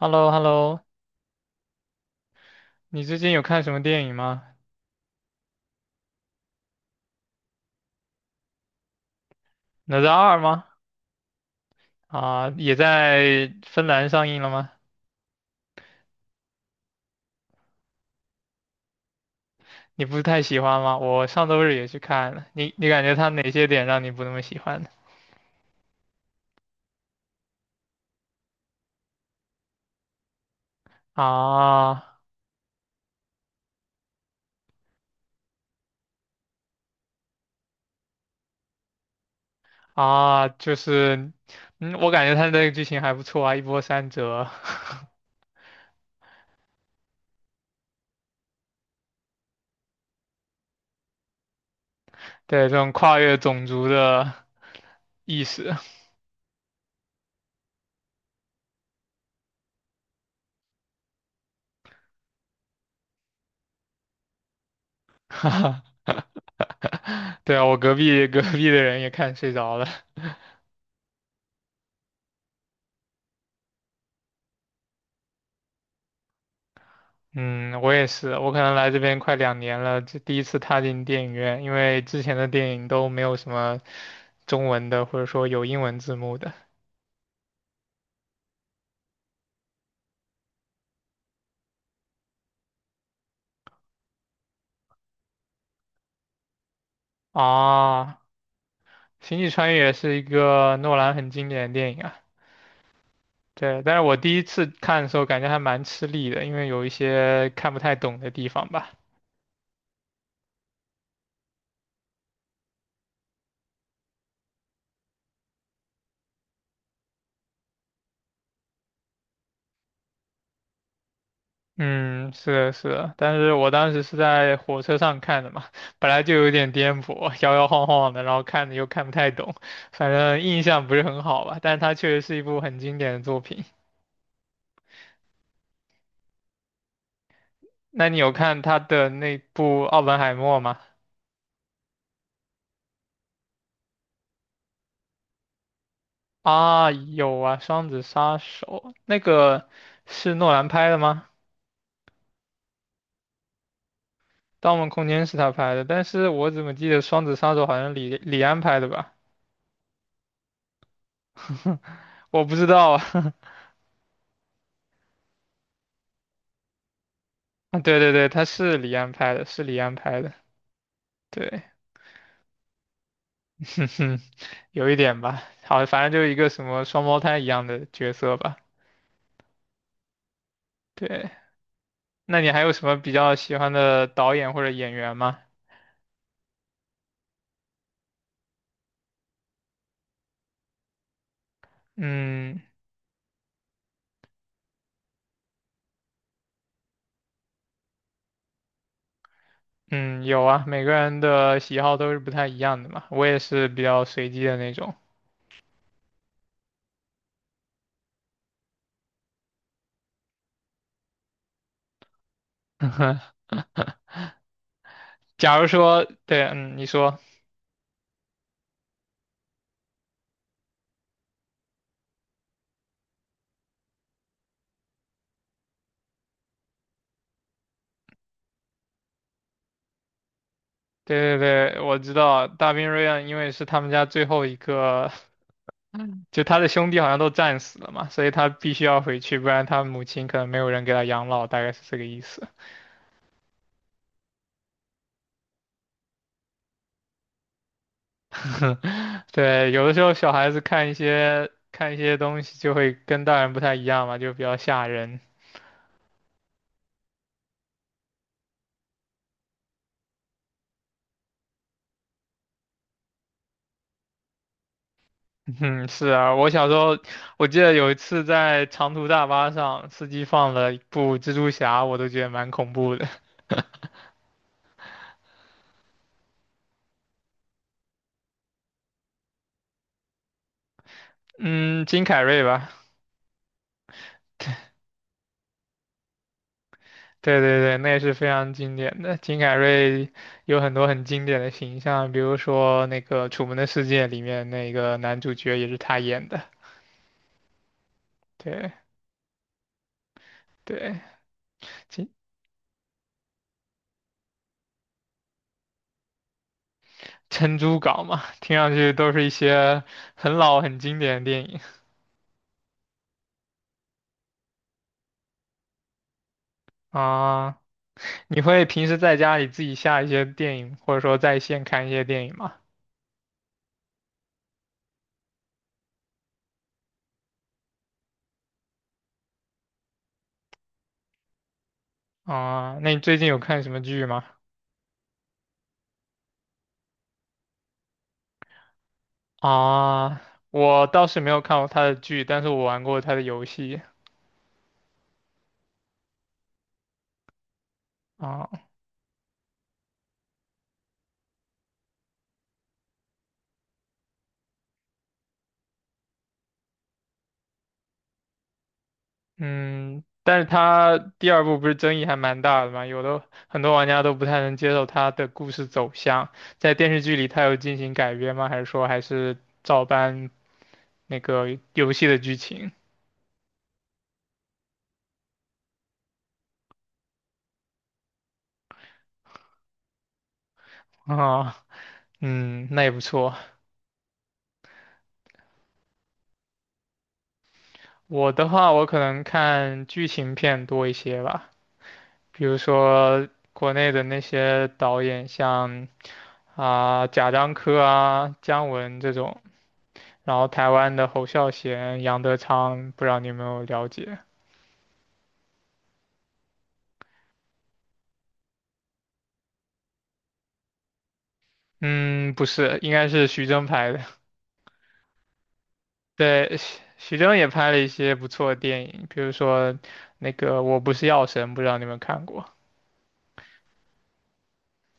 h e l l o h e l l o 你最近有看什么电影吗？哪吒二吗？啊，也在芬兰上映了吗？你不是太喜欢吗？我上周日也去看了，你感觉它哪些点让你不那么喜欢呢？啊啊，就是，嗯，我感觉它那个剧情还不错啊，一波三折。对，这种跨越种族的意识。对啊，我隔壁的人也看睡着了。嗯，我也是，我可能来这边快两年了，这第一次踏进电影院，因为之前的电影都没有什么中文的，或者说有英文字幕的。啊，《星际穿越》是一个诺兰很经典的电影啊。对，但是我第一次看的时候感觉还蛮吃力的，因为有一些看不太懂的地方吧。嗯，是的，是的，但是我当时是在火车上看的嘛，本来就有点颠簸，摇摇晃晃的，然后看的又看不太懂，反正印象不是很好吧。但是它确实是一部很经典的作品。那你有看他的那部《奥本海默》吗？啊，有啊，《双子杀手》那个是诺兰拍的吗？《盗梦空间》是他拍的，但是我怎么记得《双子杀手》好像李安拍的吧？我不知道啊。对对对，他是李安拍的，是李安拍的。对，哼哼，有一点吧。好，反正就是一个什么双胞胎一样的角色吧。对，那你还有什么比较喜欢的导演或者演员吗？嗯嗯，有啊，每个人的喜好都是不太一样的嘛。我也是比较随机的那种。假如说，对，嗯，你说，对对对，我知道大兵瑞恩，因为是他们家最后一个，就他的兄弟好像都战死了嘛，所以他必须要回去，不然他母亲可能没有人给他养老，大概是这个意思。对，有的时候小孩子看一些看一些东西就会跟大人不太一样嘛，就比较吓人。嗯，是啊，我小时候我记得有一次在长途大巴上，司机放了一部蜘蛛侠，我都觉得蛮恐怖的。嗯，金凯瑞吧，对对对，那也是非常经典的。金凯瑞有很多很经典的形象，比如说那个《楚门的世界》里面那个男主角也是他演的。对对，金珍珠港嘛，听上去都是一些很老很经典的电影啊。你会平时在家里自己下一些电影，或者说在线看一些电影吗？啊，那你最近有看什么剧吗？啊，我倒是没有看过他的剧，但是我玩过他的游戏啊。嗯，但是他第二部不是争议还蛮大的嘛，有的很多玩家都不太能接受他的故事走向，在电视剧里他有进行改编吗？还是说还是照搬那个游戏的剧情啊。嗯，那也不错。我的话，我可能看剧情片多一些吧，比如说国内的那些导演，像啊、贾樟柯啊、姜文这种，然后台湾的侯孝贤、杨德昌，不知道你有没有了解？嗯，不是，应该是徐峥拍的。对，徐峥也拍了一些不错的电影，比如说那个《我不是药神》，不知道你们看过。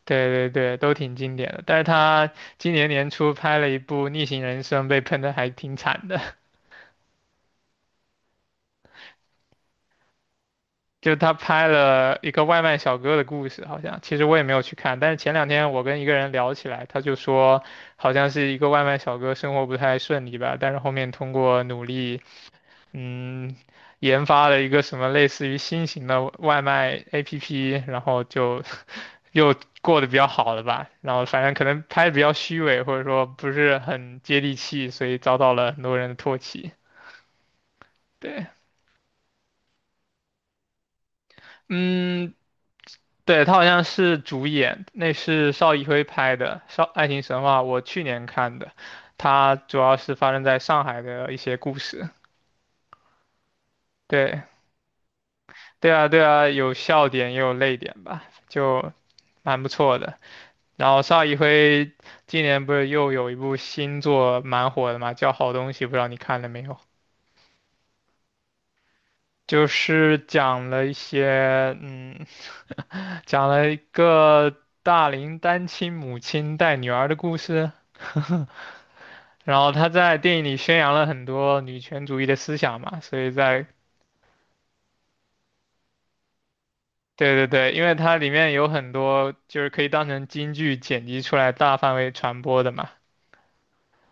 对对对，都挺经典的。但是他今年年初拍了一部《逆行人生》，被喷的还挺惨的。就他拍了一个外卖小哥的故事，好像其实我也没有去看。但是前两天我跟一个人聊起来，他就说好像是一个外卖小哥生活不太顺利吧，但是后面通过努力，嗯，研发了一个什么类似于新型的外卖 APP，然后就又过得比较好了吧，然后反正可能拍的比较虚伪，或者说不是很接地气，所以遭到了很多人的唾弃。对，嗯，对，他好像是主演，那是邵艺辉拍的《邵爱情神话》，我去年看的，它主要是发生在上海的一些故事。对，对啊，对啊，有笑点也有泪点吧，就蛮不错的。然后邵艺辉今年不是又有一部新作蛮火的嘛，叫《好东西》，不知道你看了没有？就是讲了一些，嗯，讲了一个大龄单亲母亲带女儿的故事。然后他在电影里宣扬了很多女权主义的思想嘛，所以在对对对，因为它里面有很多就是可以当成金句剪辑出来大范围传播的嘛。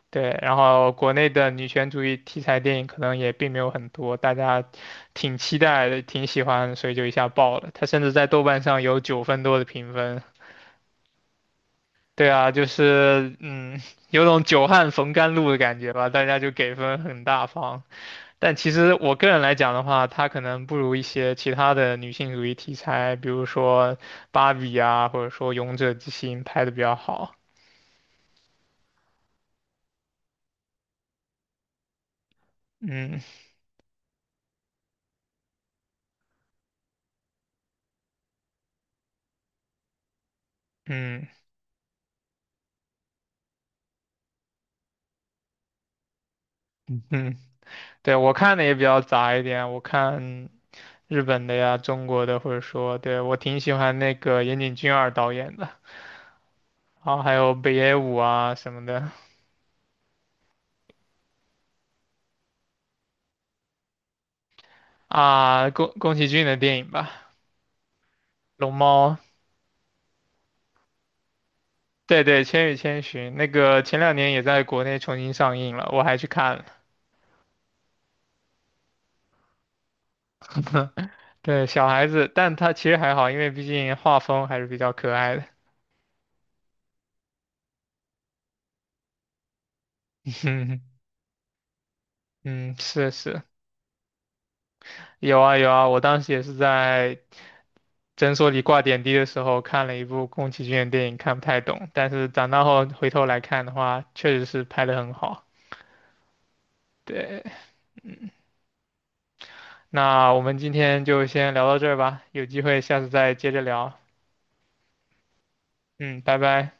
对，然后国内的女权主义题材电影可能也并没有很多，大家挺期待的，挺喜欢，所以就一下爆了。它甚至在豆瓣上有9分多的评分。对啊，就是嗯，有种久旱逢甘露的感觉吧，大家就给分很大方。但其实我个人来讲的话，它可能不如一些其他的女性主义题材，比如说芭比啊，或者说《勇者之心》拍的比较好。嗯嗯嗯。对，我看的也比较杂一点，我看日本的呀、中国的，或者说，对，我挺喜欢那个岩井俊二导演的，然后还有北野武啊什么的啊，宫崎骏的电影吧，《龙猫》，对对，《千与千寻》那个前两年也在国内重新上映了，我还去看了。对，小孩子，但他其实还好，因为毕竟画风还是比较可爱的。嗯，是是，有啊有啊，我当时也是在诊所里挂点滴的时候看了一部宫崎骏的电影，看不太懂，但是长大后回头来看的话，确实是拍得很好。对，那我们今天就先聊到这儿吧，有机会下次再接着聊。嗯，拜拜。